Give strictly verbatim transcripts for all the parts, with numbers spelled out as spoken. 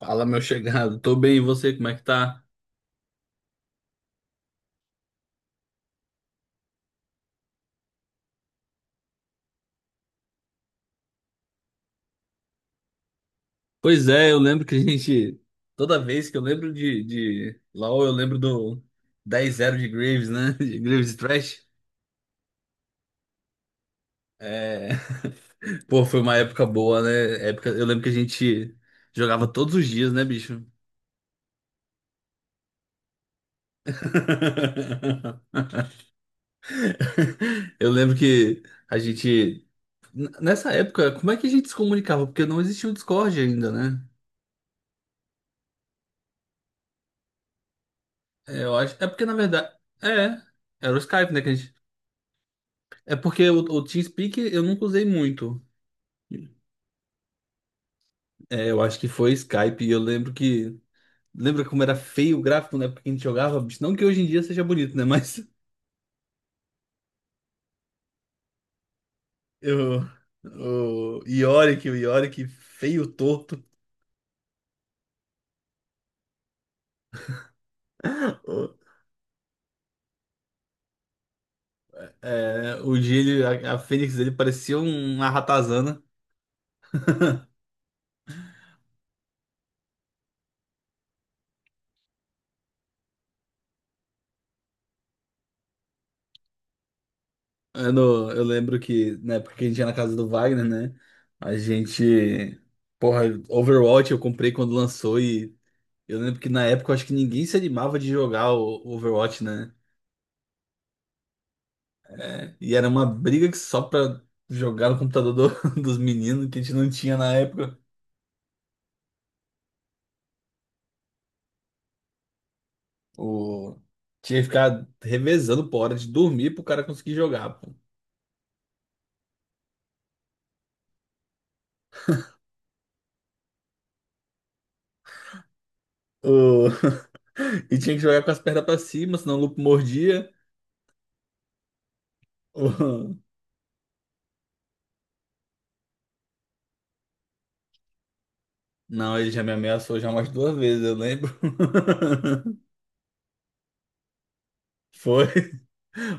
Fala, meu chegado. Tô bem, e você, como é que tá? Pois é, eu lembro que a gente. Toda vez que eu lembro de, de LOL, eu lembro do dez zero de Graves, né? De Graves Trash. É... Pô, foi uma época boa, né? Época... Eu lembro que a gente jogava todos os dias, né, bicho? Eu lembro que a gente. n- Nessa época, como é que a gente se comunicava? Porque não existia o Discord ainda, né? É, eu acho. É porque, na verdade. É. Era o Skype, né? que a gente- É porque o, o TeamSpeak eu nunca usei muito. É, eu acho que foi Skype e eu lembro que. Lembra como era feio o gráfico na época que a gente jogava? Bicho, não que hoje em dia seja bonito, né? Mas. Eu, o Yorick, o Yorick feio, torto. O, é, o Gilly, a, a Fênix dele parecia um, uma ratazana. Eu, não- eu lembro que na época que a gente ia na casa do Wagner, né? A gente. Porra, Overwatch eu comprei quando lançou e eu lembro que na época eu acho que ninguém se animava de jogar o o Overwatch, né? É, e era uma briga que só pra jogar no computador do- dos meninos que a gente não tinha na época. O... Tinha que ficar revezando por hora de dormir pro cara conseguir jogar, pô. O- E tinha que jogar com as pernas pra cima, senão o lupo mordia. O- Não, ele já me ameaçou já umas duas vezes, eu lembro. Foi.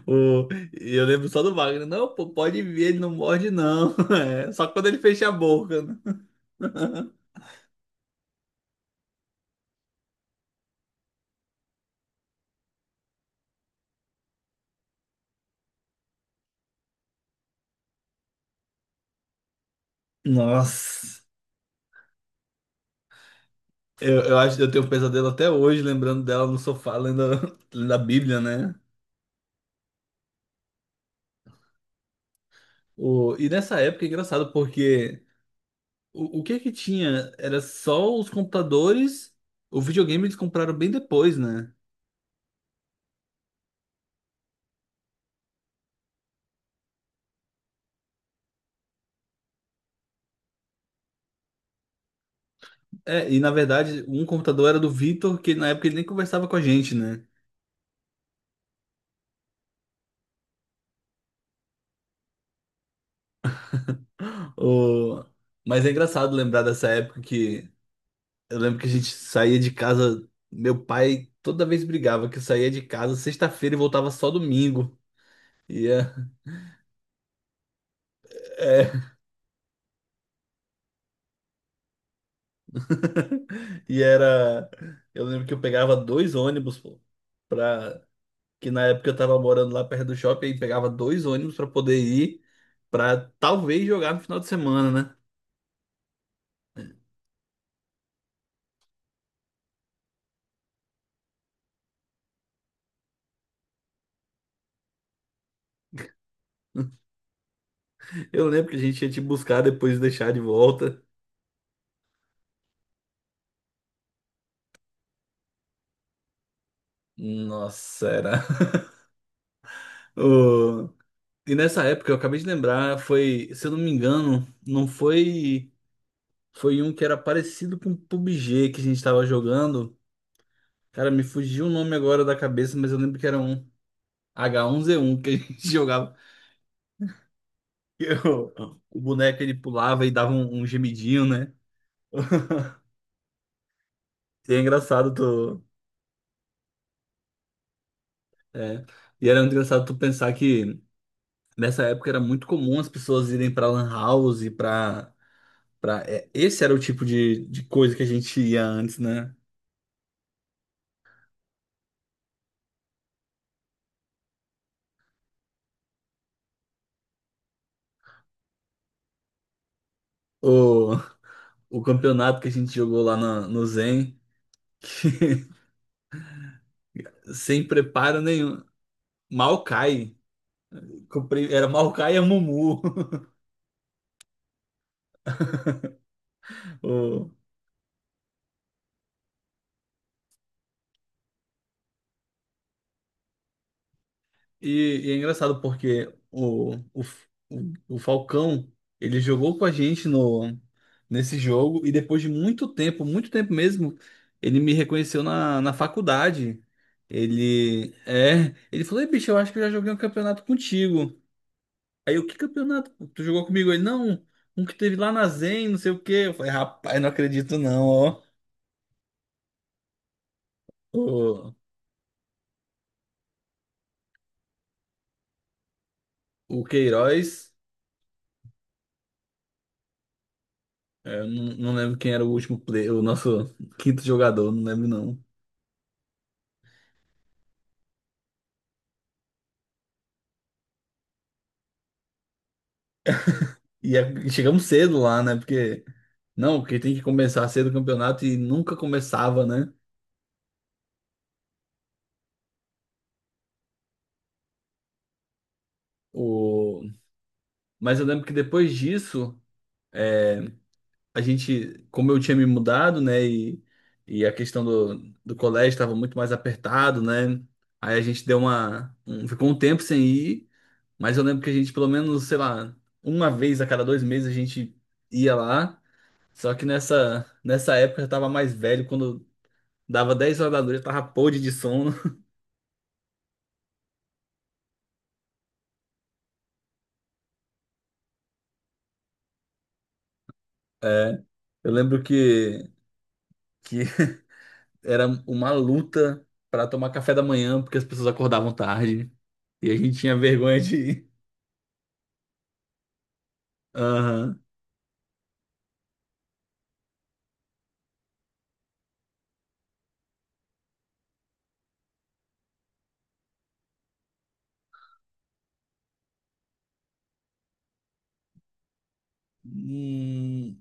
O, e eu lembro só do Wagner. Não, pô, pode vir, ele não morde, não. É, só quando ele fecha a boca. Né? Nossa. Eu, eu acho que eu tenho um pesadelo até hoje, lembrando dela no sofá, lendo, a- lendo a Bíblia, né? O, e nessa época é engraçado, porque o, o que é que tinha? Era só os computadores, o videogame eles compraram bem depois, né? É, e na verdade, um computador era do Vitor, que na época ele nem conversava com a gente, né? O, mas é engraçado lembrar dessa época que. Eu lembro que a gente saía de casa. Meu pai toda vez brigava que eu saía de casa sexta-feira e voltava só domingo. E, é, é, e era. Eu lembro que eu pegava dois ônibus, pô, pra, que na época eu tava morando lá perto do shopping e pegava dois ônibus pra poder ir, pra talvez jogar no final de semana, né? Eu lembro que a gente ia te buscar depois de deixar de volta. Nossa, era. o- E nessa época, eu acabei de lembrar, foi, se eu não me engano, não foi. Foi um que era parecido com o P U B G que a gente tava jogando. Cara, me fugiu o nome agora da cabeça, mas eu lembro que era um agá um zê um que a gente jogava. E o, o boneco ele pulava e dava um, um gemidinho, né? E é engraçado tu. É. E era muito engraçado tu pensar que nessa época era muito comum as pessoas irem pra Lan House, pra. pra é, esse era o tipo de, de coisa que a gente ia antes, né? O, o campeonato que a gente jogou lá na- no Zen. sem preparo nenhum. Maokai. Comprei, era Maokai e a Mumu. O- E, e é engraçado porque o, o, o, o Falcão, ele jogou com a gente no, nesse jogo e depois de muito tempo, muito tempo mesmo, ele me reconheceu na, na faculdade. Ele, é, ele falou, Ei, bicho, eu acho que eu já joguei um campeonato contigo. Aí eu, que campeonato? Tu jogou comigo? Ele, não, um que teve lá na Zen, não sei o quê. Eu falei, rapaz, não acredito não, ó. O Queiroz, é, eu não, não lembro quem era o último player, o nosso quinto jogador, não lembro não. E é- chegamos cedo lá, né? Porque, não, porque tem que começar cedo o campeonato e nunca começava, né? O... Mas eu lembro que depois disso, é, a gente, como eu tinha me mudado, né? E, e a questão do, do colégio estava muito mais apertado, né? Aí a gente deu uma. um- ficou um tempo sem ir, mas eu lembro que a gente, pelo menos, sei lá, uma vez a cada dois meses a gente ia lá. Só que nessa, nessa época eu tava mais velho, quando dava dez horas da noite eu tava podre de sono. É, eu lembro que, que era uma luta pra tomar café da manhã, porque as pessoas acordavam tarde e a gente tinha vergonha de ir. Aham. Hum.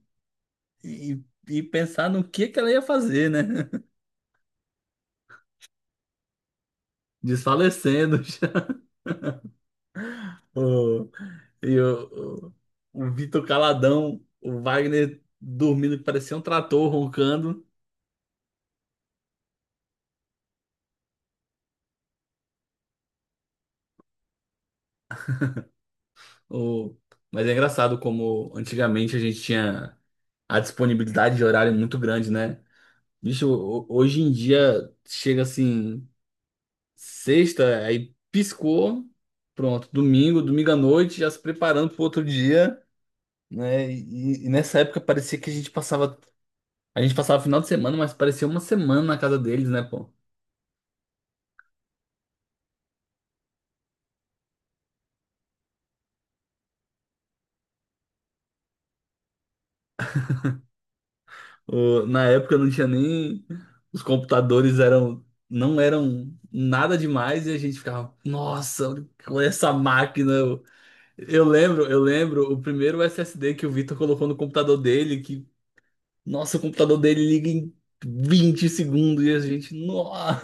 E, e pensar no que que ela ia fazer, né? Desfalecendo já. O- E o, o, o Vitor caladão, o Wagner dormindo que parecia um trator roncando. O... Mas é engraçado como antigamente a gente tinha a disponibilidade de horário muito grande, né? Bicho, ho- hoje em dia chega assim, sexta, aí piscou, pronto, domingo, domingo à noite, já se preparando para outro dia, né? E, e nessa época parecia que a gente passava, a gente passava o final de semana, mas parecia uma semana na casa deles, né, pô? O- na época não tinha nem. Os computadores eram. Não eram nada demais e a gente ficava, nossa, olha essa máquina. Eu, eu lembro, eu lembro o primeiro S S D que o Vitor colocou no computador dele, que, nossa, o computador dele liga em vinte segundos e a gente, nossa.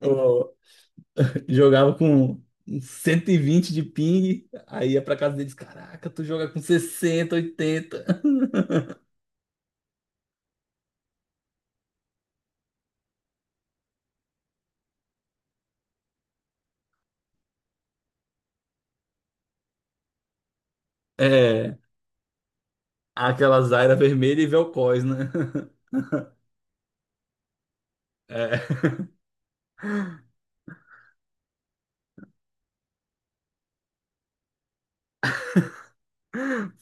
Eu jogava com cento e vinte de ping, aí ia pra casa deles, caraca, tu joga com sessenta oitenta. É, aquelas Zyra vermelha e Vel'Koz, né? É.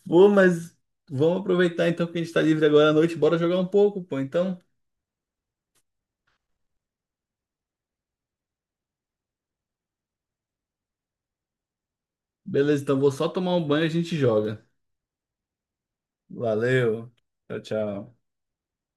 Pô, mas vamos aproveitar então que a gente tá livre agora à noite. Bora jogar um pouco, pô. Então, beleza. Então vou só tomar um banho e a gente joga. Valeu. Tchau, tchau.